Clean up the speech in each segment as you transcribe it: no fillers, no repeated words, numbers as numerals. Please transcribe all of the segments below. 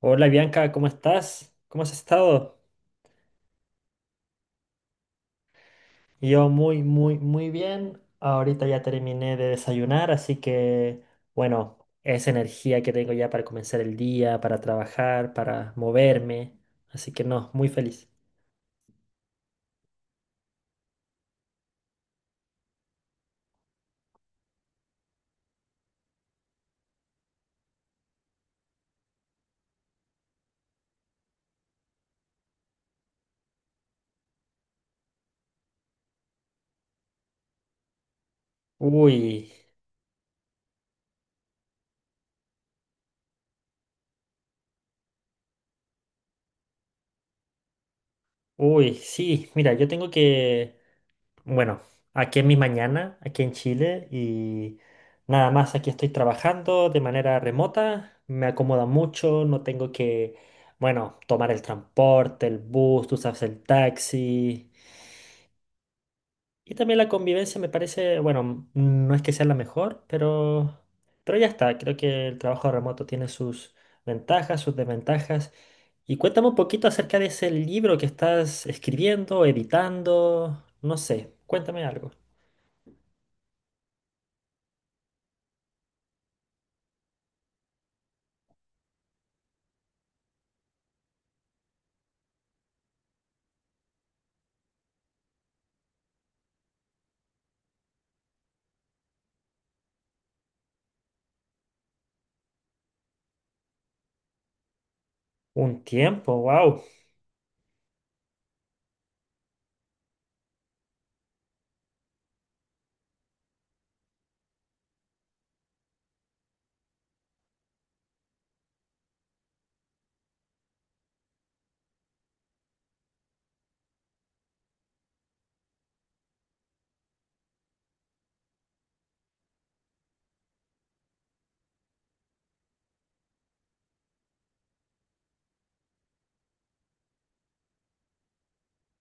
Hola Bianca, ¿cómo estás? ¿Cómo has estado? Yo muy, muy, muy bien. Ahorita ya terminé de desayunar, así que, bueno, esa energía que tengo ya para comenzar el día, para trabajar, para moverme. Así que no, muy feliz. Uy, uy, sí, mira, yo tengo que... Bueno, aquí en mi mañana, aquí en Chile, y nada más aquí estoy trabajando de manera remota, me acomoda mucho, no tengo que, bueno, tomar el transporte, el bus, tú sabes, el taxi. Y también la convivencia me parece, bueno, no es que sea la mejor, pero ya está, creo que el trabajo remoto tiene sus ventajas, sus desventajas. Y cuéntame un poquito acerca de ese libro que estás escribiendo, editando, no sé, cuéntame algo. Un tiempo, wow,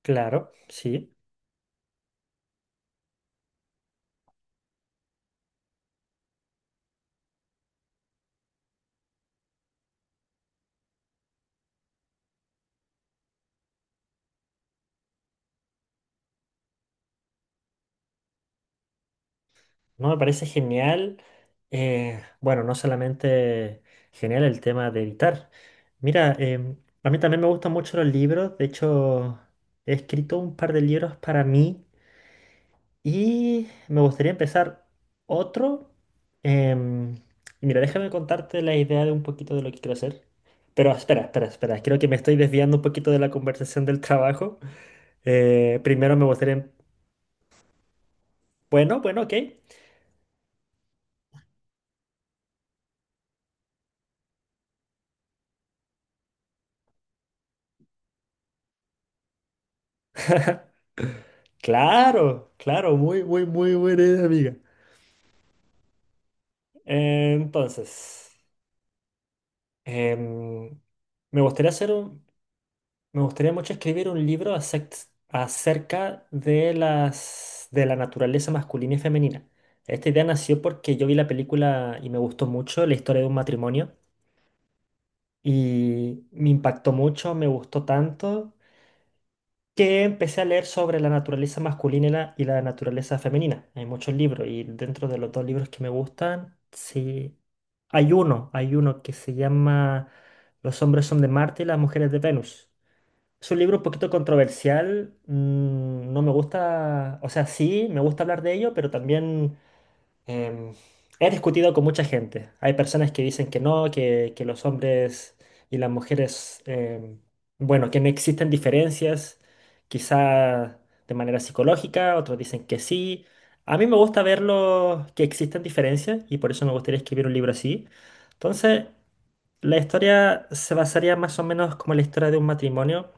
claro, sí, no me parece genial. Bueno, no solamente genial el tema de editar. Mira, a mí también me gustan mucho los libros, de hecho he escrito un par de libros para mí y me gustaría empezar otro. em, y mira, déjame contarte la idea de un poquito de lo que quiero hacer. Pero espera, espera, espera, creo que me estoy desviando un poquito de la conversación del trabajo. Primero me gustaría... Bueno, bueno, ok. Claro, claro, muy, muy, muy buena idea, amiga. Entonces, em, me gustaría hacer un- me gustaría mucho escribir un libro acerca de las, de la naturaleza masculina y femenina. Esta idea nació porque yo vi la película y me gustó mucho, la historia de un matrimonio, y me impactó mucho, me gustó tanto que empecé a leer sobre la naturaleza masculina y la naturaleza femenina. Hay muchos libros y dentro de los dos libros que me gustan, sí, hay uno que se llama Los hombres son de Marte y las mujeres de Venus. Es un libro un poquito controversial, mm, no me gusta, o sea, sí, me gusta hablar de ello, pero también... Em, he discutido con mucha gente. Hay personas que dicen que no, que los hombres y las mujeres, bueno, que no existen diferencias, quizá de manera psicológica, otros dicen que sí. A mí me gusta verlo que existen diferencias y por eso me gustaría escribir un libro así. Entonces, la historia se basaría más o menos como la historia de un matrimonio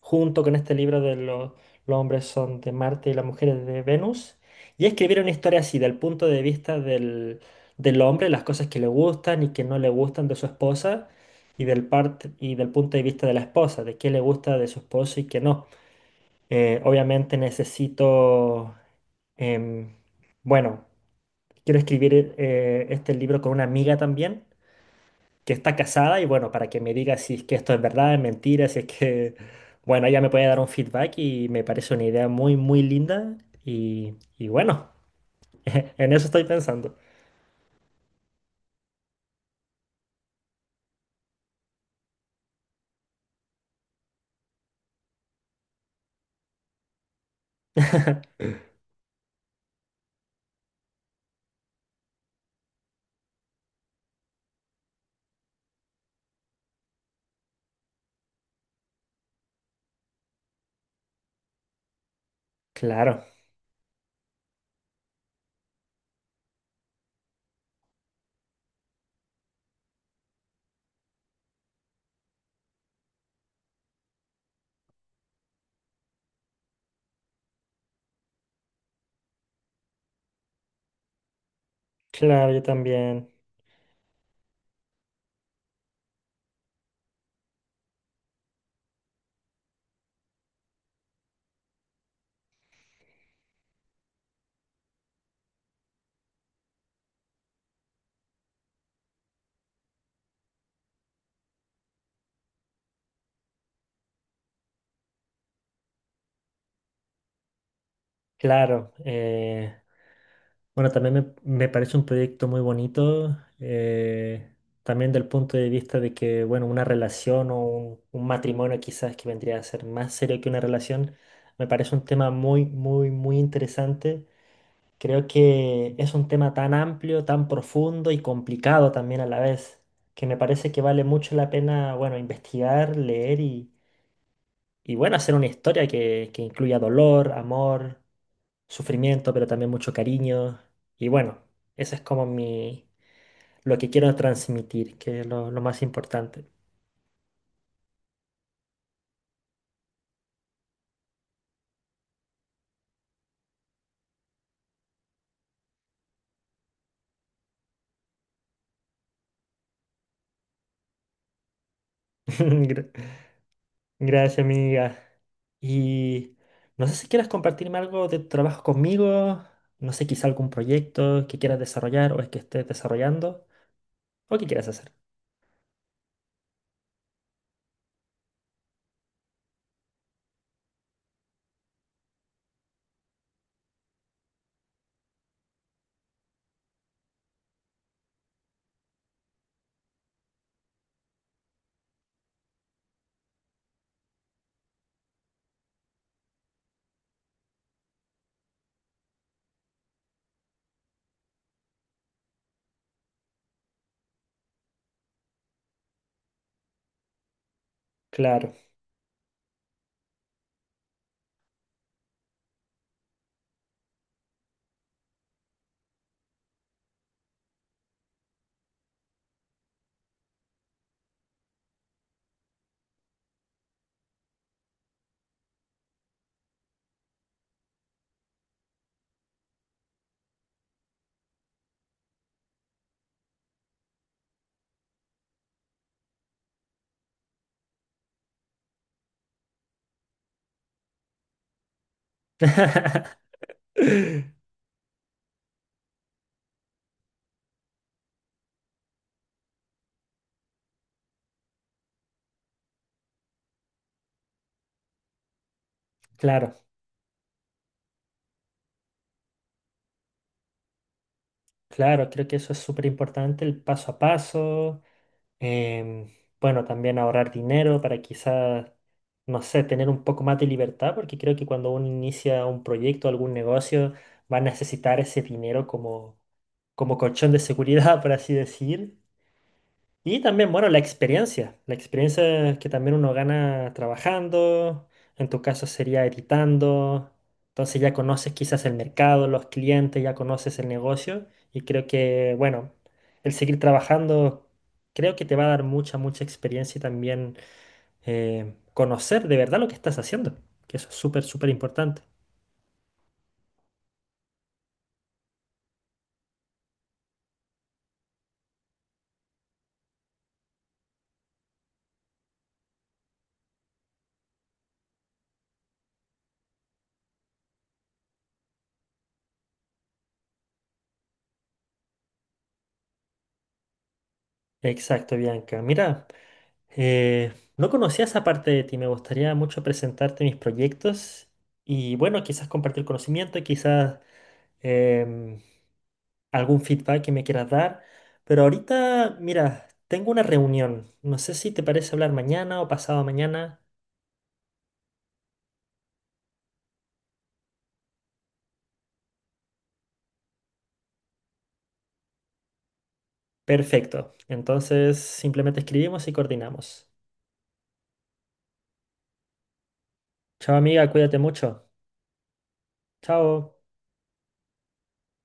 junto con este libro de los hombres son de Marte y las mujeres de Venus, y escribir una historia así, del punto de vista del, del hombre, las cosas que le gustan y que no le gustan de su esposa, y del, parte y del punto de vista de la esposa, de qué le gusta de su esposo y qué no. Obviamente necesito, em, bueno, quiero escribir este libro con una amiga también que está casada y bueno, para que me diga si es que esto es verdad, es mentira, si es que, bueno, ella me puede dar un feedback y me parece una idea muy, muy linda y bueno, en eso estoy pensando. Claro, claro, yo también, claro. Bueno, también me parece un proyecto muy bonito, también del punto de vista de que, bueno, una relación o un matrimonio quizás que vendría a ser más serio que una relación, me parece un tema muy, muy, muy interesante. Creo que es un tema tan amplio, tan profundo y complicado también a la vez, que me parece que vale mucho la pena, bueno, investigar, leer y bueno, hacer una historia que incluya dolor, amor, sufrimiento, pero también mucho cariño. Y bueno, eso es como mi, lo que quiero transmitir, que es lo más importante. Gracias, amiga. Y no sé si quieras compartirme algo de tu trabajo conmigo, no sé, quizá algún proyecto que quieras desarrollar o es que estés desarrollando o que quieras hacer. Claro. Claro, claro, creo que eso es súper importante, el paso a paso. Em, bueno, también ahorrar dinero para quizás, no sé, tener un poco más de libertad, porque creo que cuando uno inicia un proyecto, algún negocio, va a necesitar ese dinero como, como colchón de seguridad, por así decir. Y también, bueno, la experiencia que también uno gana trabajando, en tu caso sería editando, entonces ya conoces quizás el mercado, los clientes, ya conoces el negocio y creo que, bueno, el seguir trabajando creo que te va a dar mucha, mucha experiencia y también conocer de verdad lo que estás haciendo, que eso es súper, súper importante. Exacto, Bianca. Mira. No conocía esa parte de ti, me gustaría mucho presentarte mis proyectos y bueno, quizás compartir conocimiento, quizás em, algún feedback que me quieras dar, pero ahorita, mira, tengo una reunión, no sé si te parece hablar mañana o pasado mañana. Perfecto, entonces simplemente escribimos y coordinamos. Chao amiga, cuídate mucho. Chao.